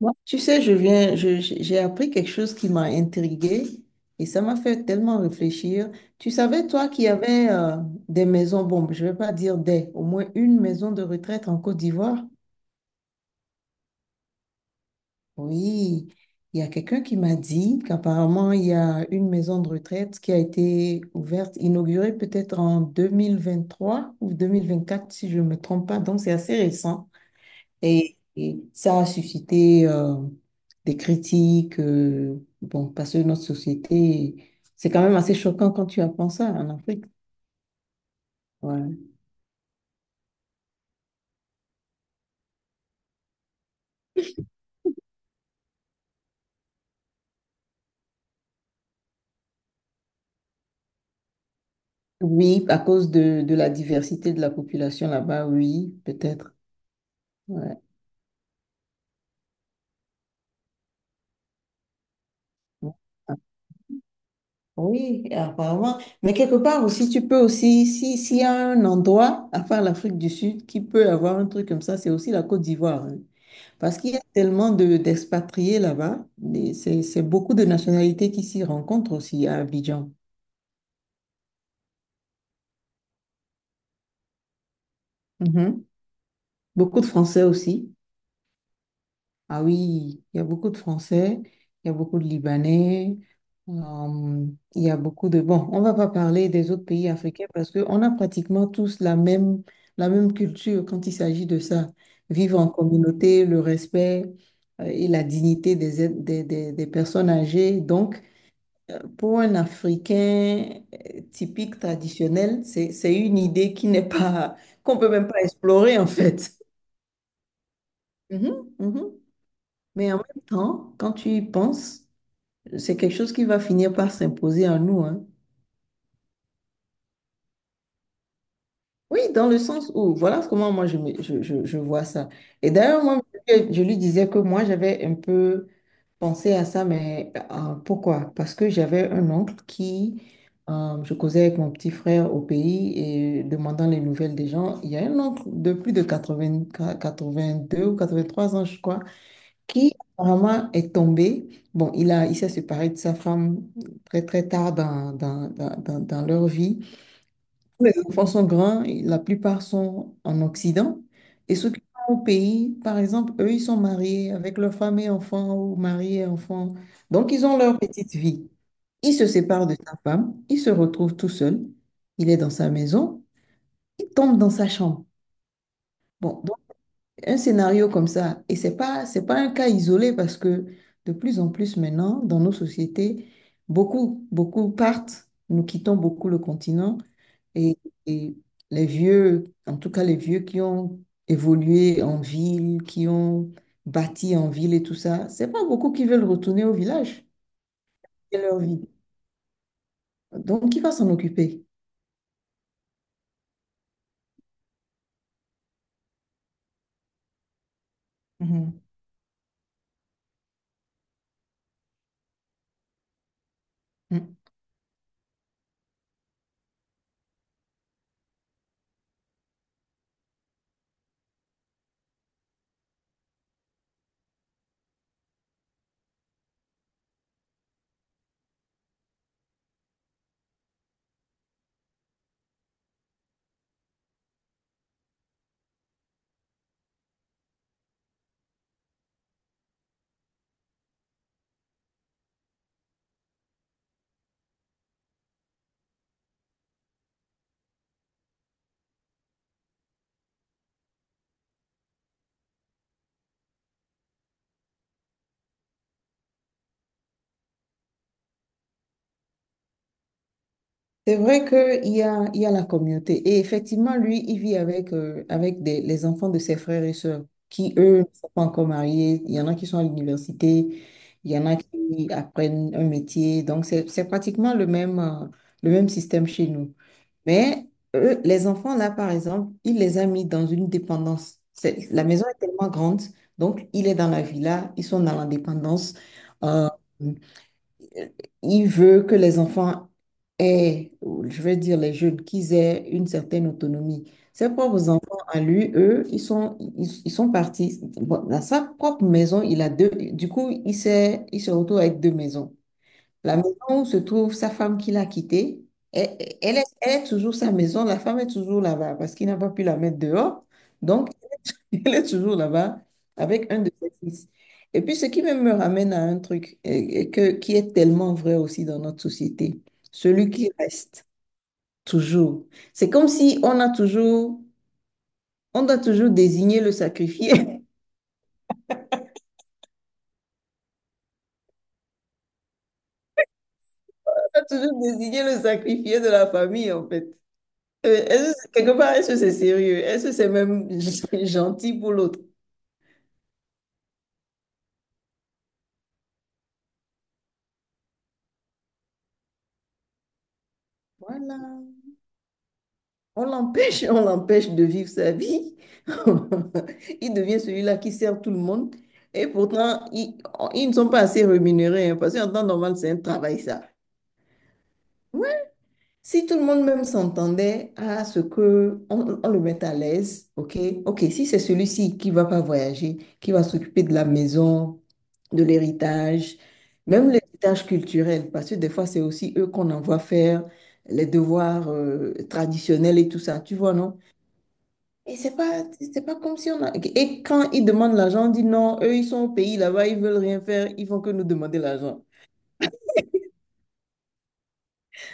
Moi, tu sais, j'ai appris quelque chose qui m'a intriguée et ça m'a fait tellement réfléchir. Tu savais, toi, qu'il y avait des maisons, bon, je ne vais pas dire des, au moins une maison de retraite en Côte d'Ivoire? Oui, il y a quelqu'un qui m'a dit qu'apparemment, il y a une maison de retraite qui a été ouverte, inaugurée peut-être en 2023 ou 2024 si je ne me trompe pas. Donc, c'est assez récent. Et ça a suscité des critiques. Bon, parce que notre société, c'est quand même assez choquant quand tu apprends ça en Afrique. Ouais. Oui, à cause de la diversité de la population là-bas, oui, peut-être. Ouais. Bon, oui, apparemment. Mais quelque part aussi, tu peux aussi, si, s'il y a un endroit, à part l'Afrique du Sud, qui peut avoir un truc comme ça, c'est aussi la Côte d'Ivoire, hein. Parce qu'il y a tellement d'expatriés là-bas. C'est beaucoup de nationalités qui s'y rencontrent aussi à Abidjan. Mhm. Beaucoup de Français aussi. Ah oui, il y a beaucoup de Français, il y a beaucoup de Libanais, euh, il y a beaucoup de... Bon, on va pas parler des autres pays africains parce qu'on a pratiquement tous la même culture quand il s'agit de ça. Vivre en communauté, le respect, et la dignité des, êtres- des personnes âgées. Donc, pour un Africain typique, traditionnel, c'est une idée qui n'est pas... qu'on peut même pas explorer en fait. Mhm, mhm. Mais en même temps, quand tu y penses, c'est quelque chose qui va finir par s'imposer à nous, hein. Oui, dans le sens où, voilà comment moi je, me- je vois ça. Et d'ailleurs, moi, je lui disais que moi, j'avais un peu pensé à ça, mais pourquoi? Parce que j'avais un oncle je causais avec mon petit frère au pays et demandant les nouvelles des gens. Il y a un oncle de plus de quatre vingt deux ou 83 ans, je crois, qui apparemment est tombé. Bon, il s'est séparé de sa femme très très tard dans leur vie. Tous les enfants sont grands, et la plupart sont en Occident. Et ceux qui sont au pays, par exemple, eux, ils sont mariés avec leur femme et enfants ou mariés et enfants. Donc, ils ont leur petite vie. Il se sépare de sa femme, il se retrouve tout seul, il est dans sa maison, il tombe dans sa chambre. Bon, un scénario comme ça. Et c'est pas un cas isolé parce que de plus en plus maintenant, dans nos sociétés, beaucoup, beaucoup partent, nous quittons beaucoup le continent et, et les vieux, en tout cas les vieux qui ont évolué en ville, qui ont bâti en ville et tout ça, c'est pas beaucoup qui veulent retourner au village et leur vie. Donc, qui va s'en occuper? Mhm. C'est vrai qu'il y a la communauté. Et effectivement, lui, il vit avec les enfants de ses frères et sœurs qui, eux, ne sont pas encore mariés. Il y en a qui sont à l'université, il y en a qui apprennent un métier. Donc, c'est pratiquement le même système chez nous. Mais eux, les enfants, là, par exemple, il les a mis dans une dépendance. La maison est tellement grande, donc il est dans la villa, ils sont dans la dépendance. Euh, il veut que les enfants aient, ou je vais dire les jeunes, qu'ils aient une certaine autonomie. Ses propres enfants, à lui, eux, ils sont partis. Bon, dans sa propre maison, il a deux. Du coup, il se retrouve avec deux maisons. La maison où se trouve sa femme qu'il a quittée, elle, elle est toujours sa maison. La femme est toujours là-bas parce qu'il n'a pas pu la mettre dehors. Donc, elle est toujours là-bas avec un de ses fils. Et puis, ce qui même me ramène à un truc qui est tellement vrai aussi dans notre société, celui qui reste toujours. C'est comme si on doit toujours désigner le sacrifié. On doit toujours désigner le sacrifié de la famille, en fait. Quelque part, est-ce que c'est sérieux? Est-ce que c'est même gentil pour l'autre? Voilà. On l'empêche de vivre sa vie. Il devient celui-là qui sert tout le monde. Et pourtant, ils ne sont pas assez rémunérés, hein, parce qu'en temps normal, c'est un travail, ça. Ouais. Si tout le monde même s'entendait à ce que on le mette à l'aise, ok, ok, si c'est celui-ci qui va pas voyager, qui va s'occuper de la maison, de l'héritage, même l'héritage culturel, parce que des fois c'est aussi eux qu'on envoie faire les devoirs traditionnels et tout ça, tu vois, non? Et c'est pas comme si on a... Et quand ils demandent l'argent, on dit non, eux, ils sont au pays là-bas, ils veulent rien faire, ils font que nous demander l'argent.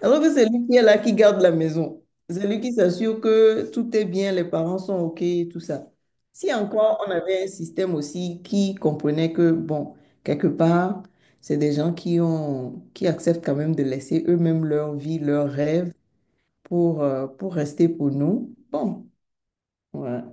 Alors que c'est lui qui est là, qui garde la maison. C'est lui qui s'assure que tout est bien, les parents sont OK, tout ça. Si encore on avait un système aussi qui comprenait que, bon, quelque part, c'est des gens qui acceptent quand même de laisser eux-mêmes leur vie, leurs rêves pour rester pour nous. Bon, voilà.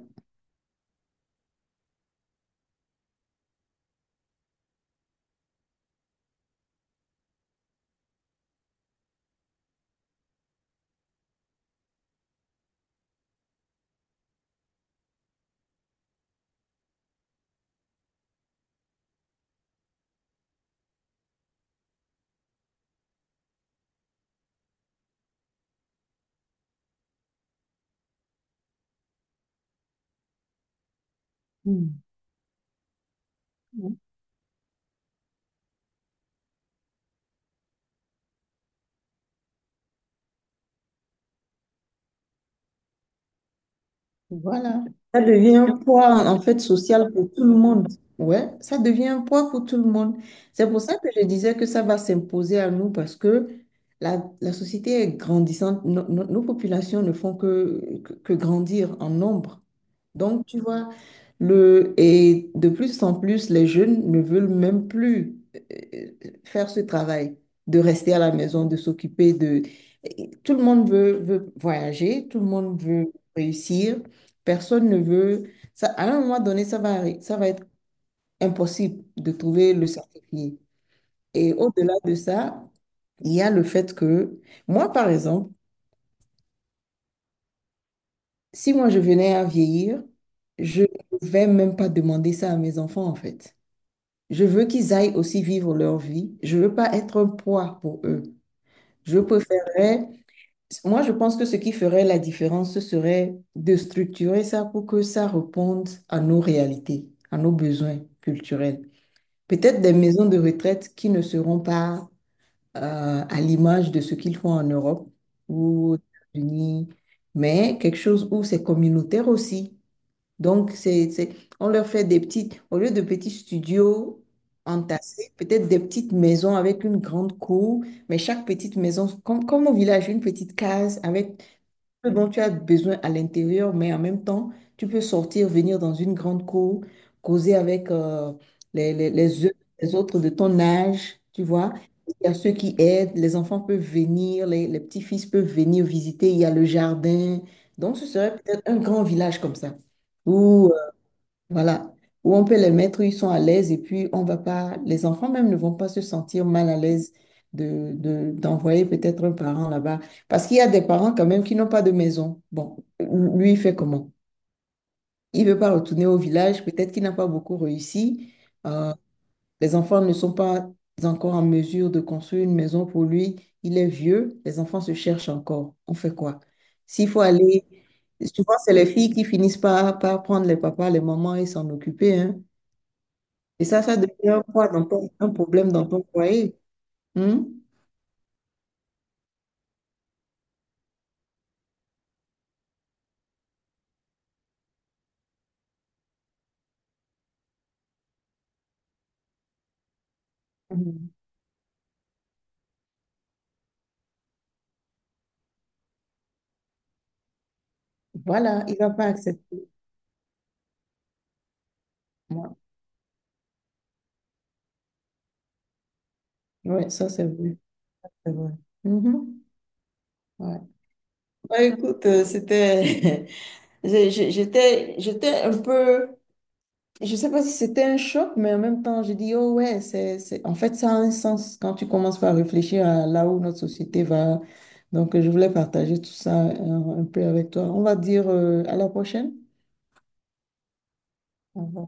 Mm. Voilà. Ça devient un poids, en fait, social pour tout le monde. Ouais, ça devient un poids pour tout le monde. C'est pour ça que je disais que ça va s'imposer à nous parce que la société est grandissante. Nos populations ne font que grandir en nombre. Donc, tu vois, et de plus en plus, les jeunes ne veulent même plus euh, faire ce travail de rester à la maison, de s'occuper de... et tout le monde veut voyager, tout le monde veut réussir, personne ne veut... Ça, à un moment donné, ça va être impossible de trouver le certifié. Et au-delà de ça, il y a le fait que, moi, par exemple, si moi je venais à vieillir, je ne vais même pas demander ça à mes enfants, en fait. Je veux qu'ils aillent aussi vivre leur vie. Je veux pas être un poids pour eux. Je préférerais, moi, je pense que ce qui ferait la différence, ce serait de structurer ça pour que ça réponde à nos réalités, à nos besoins culturels. Peut-être des maisons de retraite qui ne seront pas à l'image de ce qu'ils font en Europe ou aux États-Unis, mais quelque chose où c'est communautaire aussi. Donc, on leur fait des petites, au lieu de petits studios entassés, peut-être des petites maisons avec une grande cour, mais chaque petite maison, comme au village, une petite case avec ce dont tu as besoin à l'intérieur, mais en même temps, tu peux sortir, venir dans une grande cour, causer avec les, les, les, autres les autres de ton âge, tu vois. Il y a ceux qui aident, les enfants peuvent venir, les petits-fils peuvent venir visiter, il y a le jardin. Donc, ce serait peut-être un grand village comme ça. Ou voilà, où on peut les mettre, où ils sont à l'aise et puis on va pas, les enfants même ne vont pas se sentir mal à l'aise d'envoyer peut-être un parent là-bas. Parce qu'il y a des parents quand même qui n'ont pas de maison. Bon, lui, il fait comment? Il veut pas retourner au village, peut-être qu'il n'a pas beaucoup réussi. Euh, les enfants ne sont pas encore en mesure de construire une maison pour lui. Il est vieux, les enfants se cherchent encore. On fait quoi? S'il faut aller, souvent c'est les filles qui finissent par prendre les papas, les mamans et s'en occuper, hein. Et ça devient un poids un problème dans ton foyer. Hmm? Mhm. Voilà, il va pas accepter. Ouais, ouais, ça c'est vrai. C'est vrai. Mhm. Ouais. Bah, écoute, c'était, j'étais un peu, je sais pas si c'était un choc, mais en même temps, j'ai dit, oh ouais, c'est, en fait, ça a un sens quand tu commences par réfléchir à là où notre société va. Donc, je voulais partager tout ça un peu avec toi. On va dire à la prochaine. Au revoir.